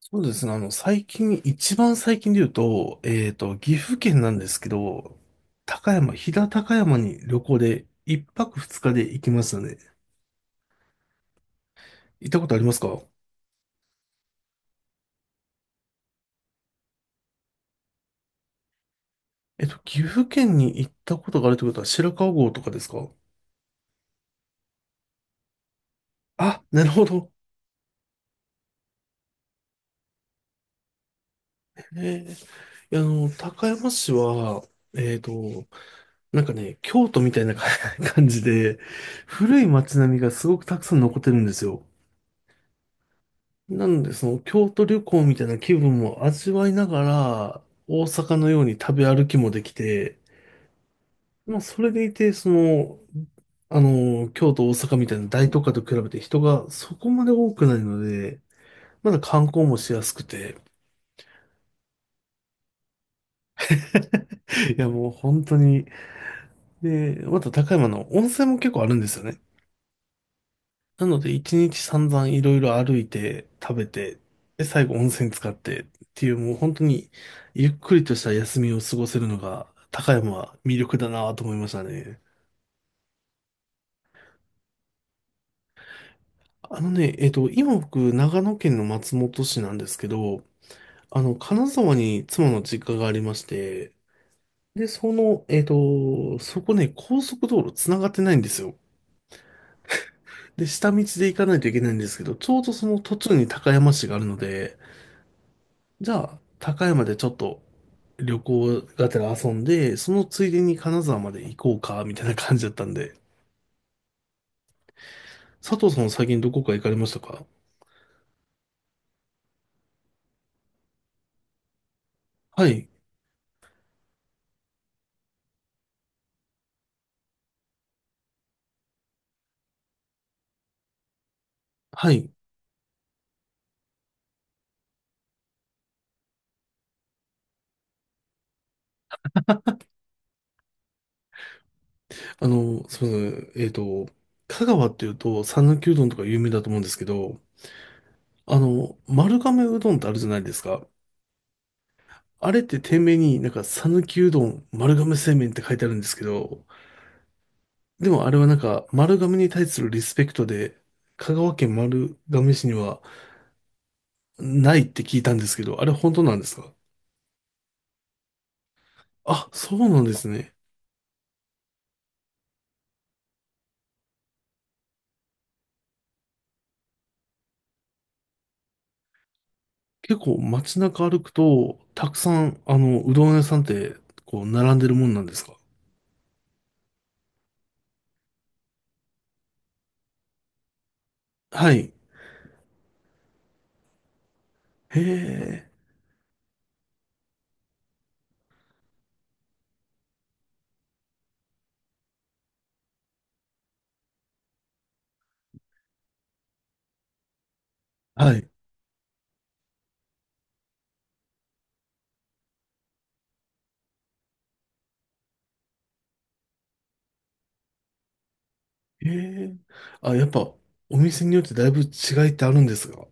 そうですね。最近、一番最近で言うと、岐阜県なんですけど、飛騨高山に旅行で一泊二日で行きましたね。行ったことありますか？岐阜県に行ったことがあるってことは白川郷とかですか？あ、なるほど。えー、いや高山市は、えっと、なんかね、京都みたいな 感じで、古い街並みがすごくたくさん残ってるんですよ。なんで、その京都旅行みたいな気分も味わいながら、大阪のように食べ歩きもできて、まあ、それでいて、京都、大阪みたいな大都会と比べて人がそこまで多くないので、まだ観光もしやすくて、いや、もう本当に、で、また高山の温泉も結構あるんですよね。なので、一日散々いろいろ歩いて、食べて、で、最後温泉使ってっていう、もう本当に、ゆっくりとした休みを過ごせるのが、高山は魅力だなと思いましたね。あのね、今僕、長野県の松本市なんですけど、あの、金沢に妻の実家がありまして、で、そこね、高速道路繋がってないんですよ。で、下道で行かないといけないんですけど、ちょうどその途中に高山市があるので、じゃあ、高山でちょっと旅行がてら遊んで、そのついでに金沢まで行こうか、みたいな感じだったんで。佐藤さんは最近どこか行かれましたか？はい。はい。あの、すみません。香川っていうと、讃岐うどんとか有名だと思うんですけど、あの、丸亀うどんってあるじゃないですか。あれって店名になんか、讃岐うどん、丸亀製麺って書いてあるんですけど、でもあれはなんか、丸亀に対するリスペクトで、香川県丸亀市には、ないって聞いたんですけど、あれ本当なんですか？あ、そうなんですね。結構街中歩くと、たくさん、うどん屋さんって、こう、並んでるもんなんですか？はい。へえ。はい。へえ。あ、やっぱ、お店によってだいぶ違いってあるんですが。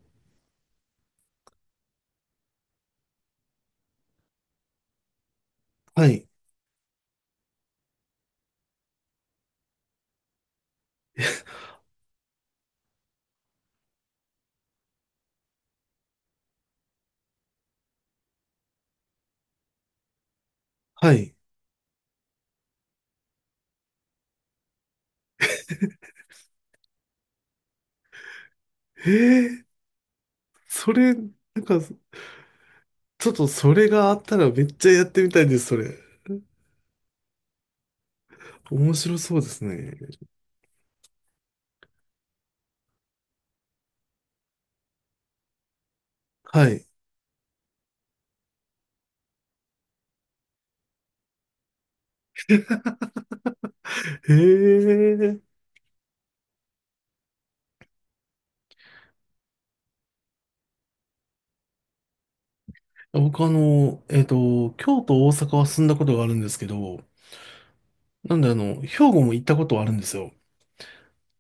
はい。はい。へえ。それ、んか、ちょっとそれがあったらめっちゃやってみたいです、それ。面白そうですね。はい。へえ。僕あの、京都、大阪は住んだことがあるんですけど、なんであの、兵庫も行ったことはあるんですよ。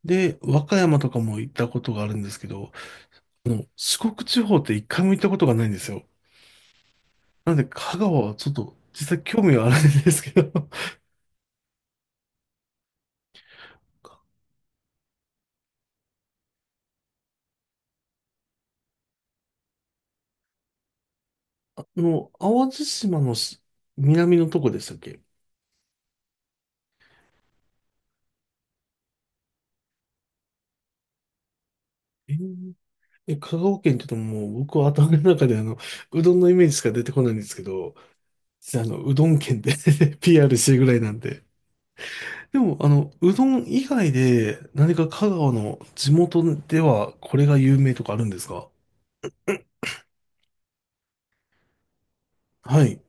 で、和歌山とかも行ったことがあるんですけど、あの、四国地方って一回も行ったことがないんですよ。なんで、香川はちょっと、実際興味はあるんですけど、あの、淡路島の南のとこでしたっけ？えー、え香川県って言うともう、僕は頭の中であの、うどんのイメージしか出てこないんですけど、実はあの、うどん県で PR してる ぐらいなんで、でも、あの、うどん以外で何か香川の地元ではこれが有名とかあるんですか？はい。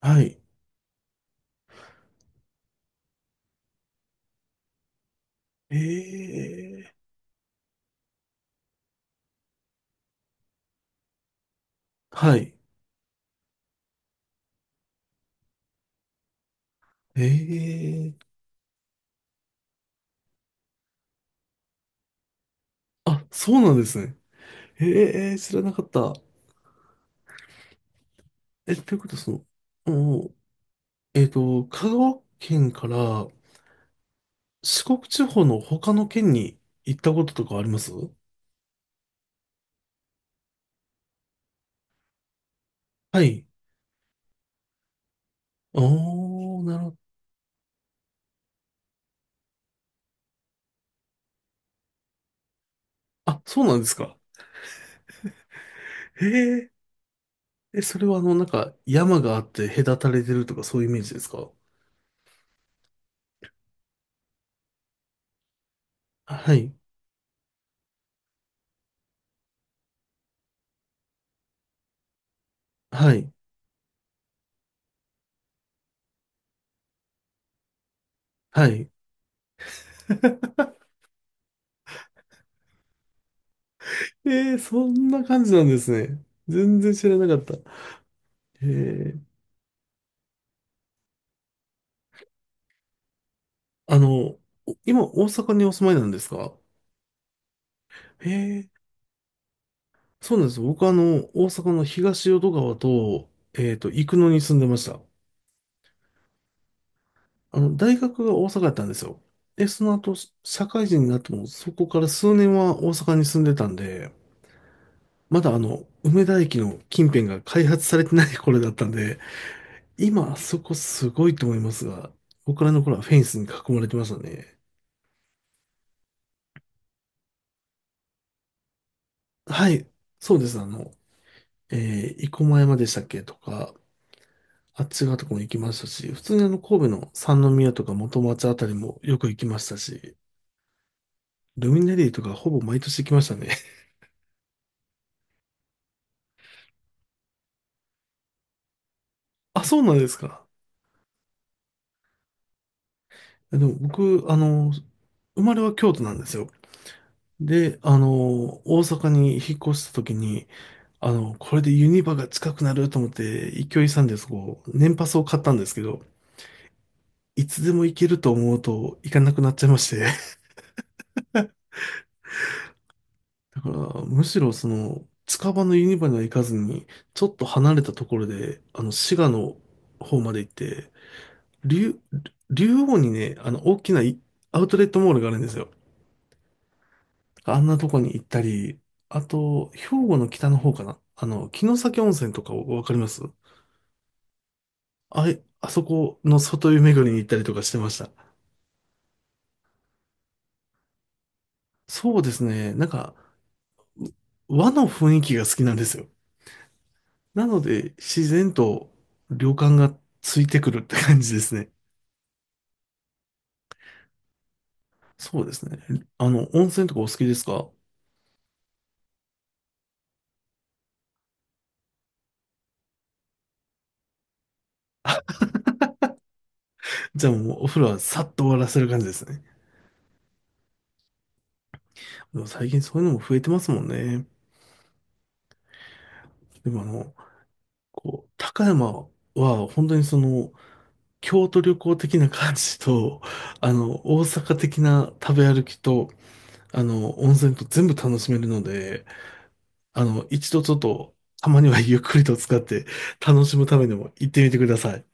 はい。ええ、はい。ええ、あ、そうなんですね。ええ、知らなかった。え、ということは、その、お、香川県から四国地方の他の県に行ったこととかあります？はい。おー、なるほど。あ、そうなんですか。へえ、それはあの、なんか、山があって隔たれてるとかそういうイメージですか？はい。はい。はい。えー、そんな感じなんですね。全然知らなかった。えー、あの、お今、大阪にお住まいなんですか？えー、そうなんです。僕はあの、大阪の東淀川と、生野に住んでました。あの、大学が大阪だったんですよ。で、その後、社会人になっても、そこから数年は大阪に住んでたんで、まだあの、梅田駅の近辺が開発されてない頃だったんで、今あそこすごいと思いますが、僕らの頃はフェンスに囲まれてましたね。はい、そうです。あの、えー、生駒山でしたっけとか、あっち側とかも行きましたし、普通にあの、神戸の三宮とか元町あたりもよく行きましたし、ルミネリーとかほぼ毎年行きましたね。あ、そうなんですか。でも僕、あの、生まれは京都なんですよ。で、あの、大阪に引っ越した時に、あの、これでユニバが近くなると思って、勢いさんでそこう、年パスを買ったんですけど、いつでも行けると思うと行かなくなっちゃいまして。だから、むしろその、近場のユニバには行かずに、ちょっと離れたところで、あの、滋賀の方まで行って、竜、竜王にね、あの、大きないアウトレットモールがあるんですよ。あんなとこに行ったり、あと、兵庫の北の方かな。あの、城崎温泉とかわかります？あい、あそこの外湯巡りに行ったりとかしてました。そうですね。なんか、和の雰囲気が好きなんですよ。なので、自然と旅館がついてくるって感じですね。そうですね。あの、温泉とかお好きですか？じゃあもうお風呂はさっと終わらせる感じですね。でも最近そういうのも増えてますもんね。でもあの、こう、高山は本当にその、京都旅行的な感じと、あの、大阪的な食べ歩きと、あの、温泉と全部楽しめるので、あの、一度ちょっと、たまにはゆっくりと使って楽しむためにも行ってみてください。